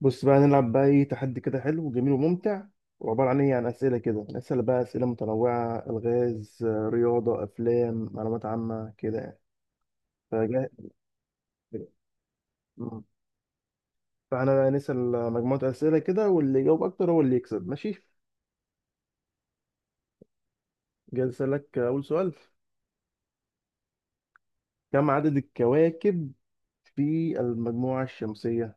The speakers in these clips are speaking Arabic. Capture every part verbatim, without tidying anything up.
بص بقى نلعب بقى ايه تحدي كده حلو وجميل وممتع وعبارة عن ايه عن اسئلة كده نسأل بقى اسئلة متنوعة الغاز آه، رياضة افلام معلومات عامة كده يعني فجاه. مم. فاحنا بقى نسأل مجموعة اسئلة كده واللي يجاوب اكتر هو اللي يكسب، ماشي. جاي اسألك اول سؤال. كم عدد الكواكب في المجموعة الشمسية؟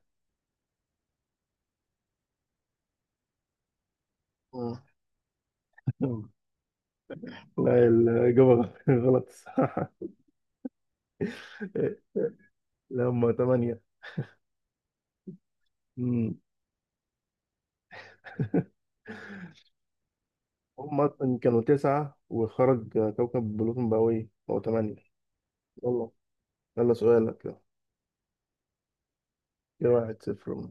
مم. لا الإجابة غلط الصراحة. لا هم تمانية. هم أصلا كانوا تسعة وخرج كوكب بلوتون بقى إيه؟ بقوا تمانية. يلا، يلا سؤالك يلا. كده واحد صفر.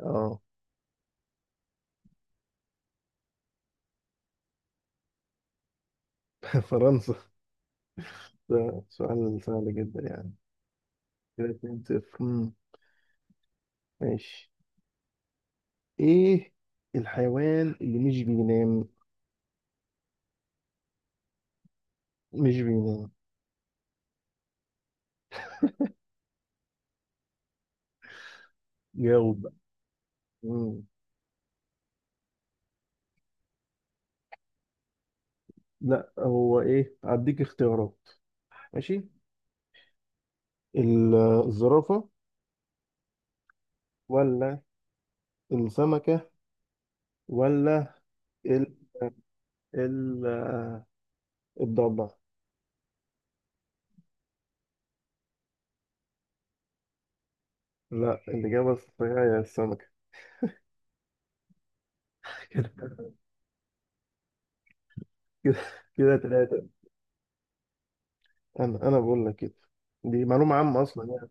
اه. فرنسا. ده سؤال سهل جدا يعني. كده اتنين صفر، مم، ماشي. ايه الحيوان اللي مش بينام؟ مش بينام. جاوب بقى. مم. لا هو ايه، هديك اختيارات. ماشي. ال- الزرافة، ولا السمكة، ولا ال ال الضبع. لا الإجابة الصحيحة هي السمكة. كده، كده كده تلاتة. أنا أنا بقول لك كده. دي معلومة عامة أصلا يعني.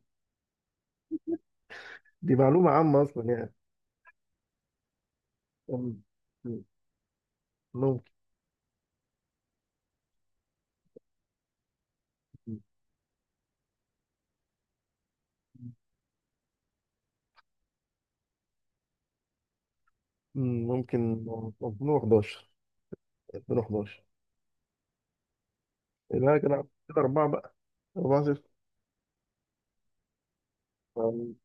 دي معلومة عامة أصلا يعني. أم- ممكن. أم، ممكن. ألفين وحداشر. ألفين وحداشر. يبقى كده، كده أربعة بقى، أربعة صفر. أم،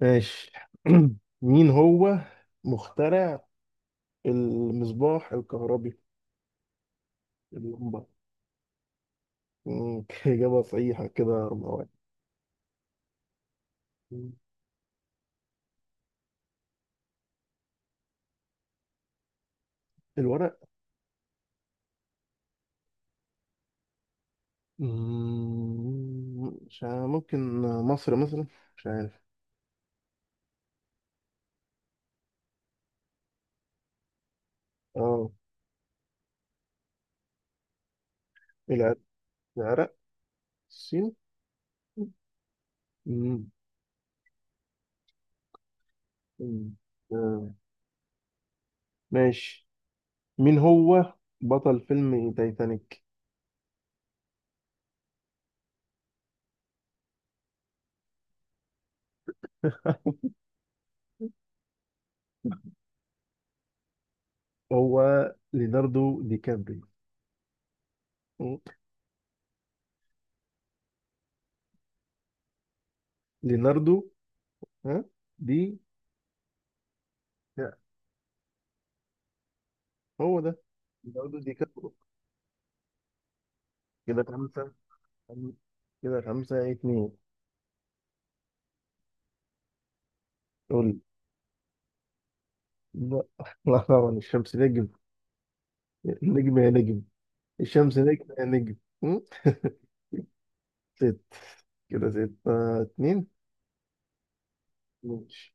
ماشي. مين هو مخترع المصباح الكهربي؟ اللمبة. أم، إجابة صحيحة، كده أربعة واحد. الورق. مم، مش عارف، ممكن مصر مثلا. مش عارف. اه. العرق العرق الصين. مم. مم. آه، ماشي. مين هو بطل فيلم تايتانيك؟ هو ليناردو دي كابريو. مم. ليناردو. ها. دي. لا، هو ده. ليناردو دي كابريو. كده خمسة كده خمسة اتنين. قول لي. لا لا طبعا الشمس نجم. نجم يا نجم. الشمس نجم يا نجم. مم. ست، كده ستة اتنين. ماشي.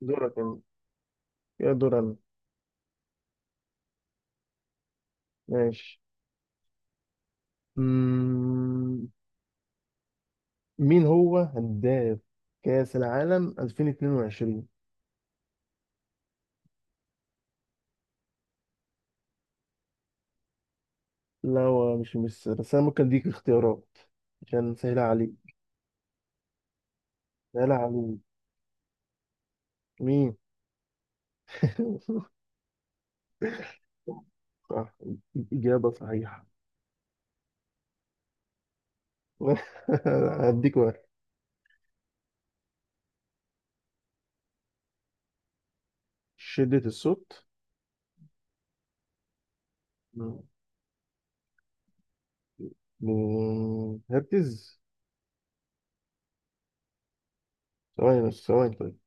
دورك أنا. يا دور أنا. ماشي. مم، مين هو هداف كأس العالم ألفين واتنين وعشرين؟ لا هو مش مش بس انا ممكن اديك اختيارات عشان سهلة عليك. سهلة عليك. مين؟ صح، إجابة صحيحة. هديك واحد. شدة الصوت. مم. مم، هرتز. ثواني بس، ثواني طيب.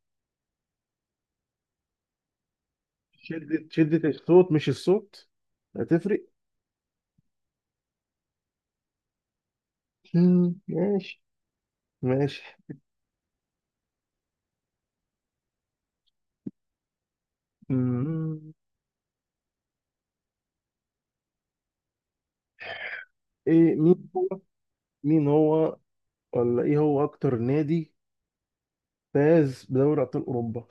شدة شدة الصوت مش الصوت. هتفرق. مم، ماشي. ماشي. مم، ايه، مين مين هو ولا ايه هو اكتر نادي فاز بدوري ابطال اوروبا؟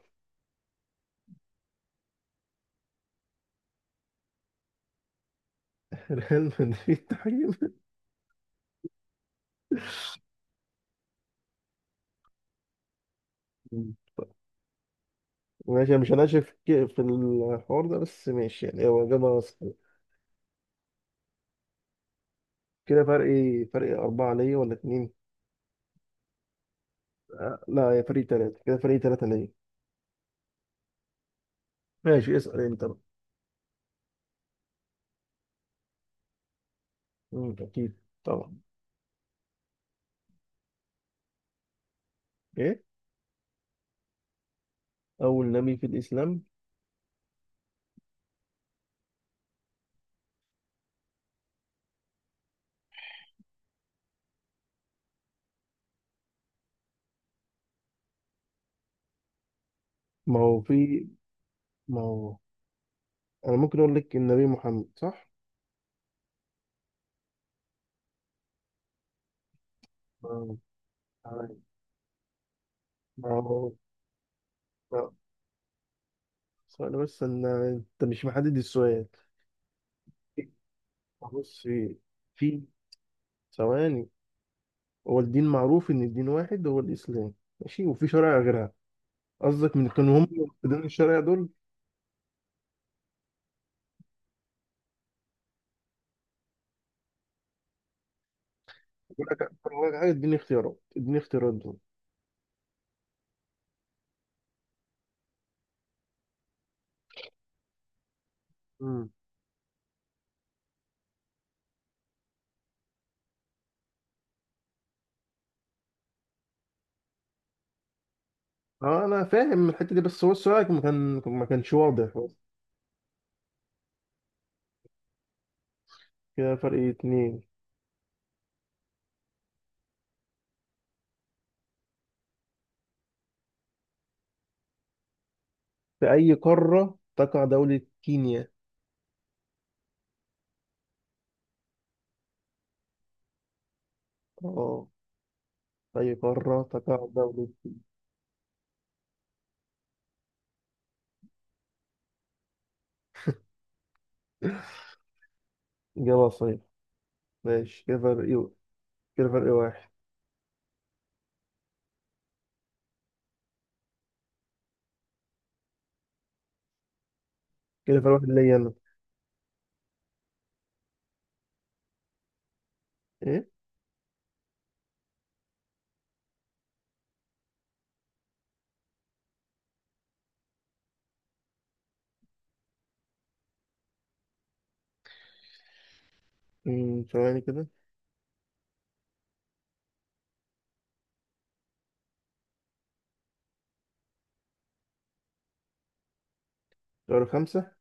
ريال مدريد تحديدا. ماشي أنا مش هناشف في في الحوار ده، بس ماشي يعني هو إجابة صحيحة. كده فرق إيه؟ فرق أربعة ليا ولا اتنين؟ أه لا يا فريق تلاتة، كده فريق تلاتة ليا. ماشي، اسأل أنت بقى. أمم، أكيد، طبعا. إيه؟ أول نبي في الإسلام. ما هو في. ما هو أنا ممكن أقول لك النبي محمد صح؟ ما هو ما هو ما هو- ثواني بس، أنا أنت مش محدد السؤال. بص. في. ثواني. هو الدين معروف ان الدين واحد هو الاسلام، ماشي، وفي شرائع غيرها. قصدك من كانوا هم دين الشرائع دول. يقول لك أقول لك حاجه، اديني اختيارات، اديني اختيارات دول. امم. اه انا فاهم الحته دي، بس هو السؤال ما كان ما كانش واضح بس. كده فرق اتنين. في اي قاره تقع دوله كينيا؟ اه، في اي قاره تقع دوله. إجابة صحيح. ماشي، كده فرق إيه؟ كده فرق واحد. كده فرق واحد ليا أنا. إيه؟ أمم، ثواني كده. شهر خمسة.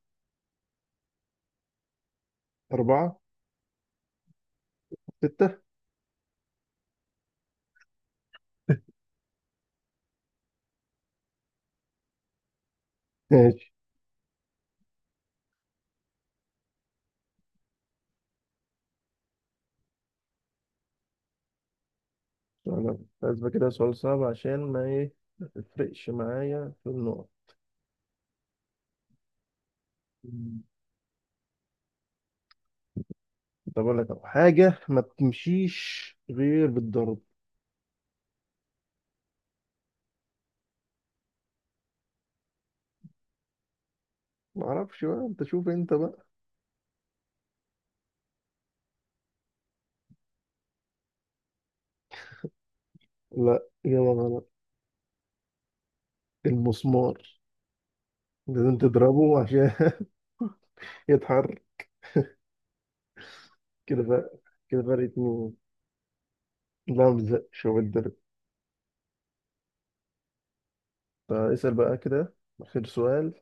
أربعة. ستة. ماشي. أنا لازم كده سؤال صعب عشان ما إيه، ما تفرقش معايا في النقط. مم. طب أقول لك أهو، حاجة ما بتمشيش غير بالضرب. معرفش بقى، أنت شوف أنت بقى. لا إجابة غلط. المسمار لازم تضربه عشان يتحرك. كده بقى، كده فرق اتنين. لا مزقش هو بالضرب. اسأل بقى كده، آخر سؤال.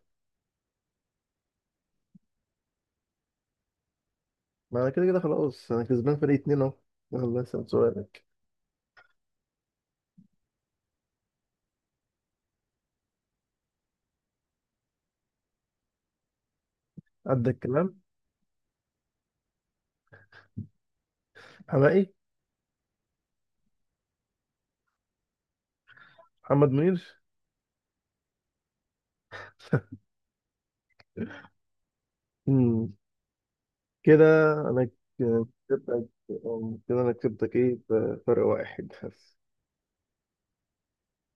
ما أنا كده كده خلاص، أنا كسبان فرق اتنين أهو. يلا اسأل سؤالك. عندك كلام. حمائي. محمد منير. مم. كده انا ك- كسبتك. أم، كده انا كسبتك ايه، بفرق واحد بس.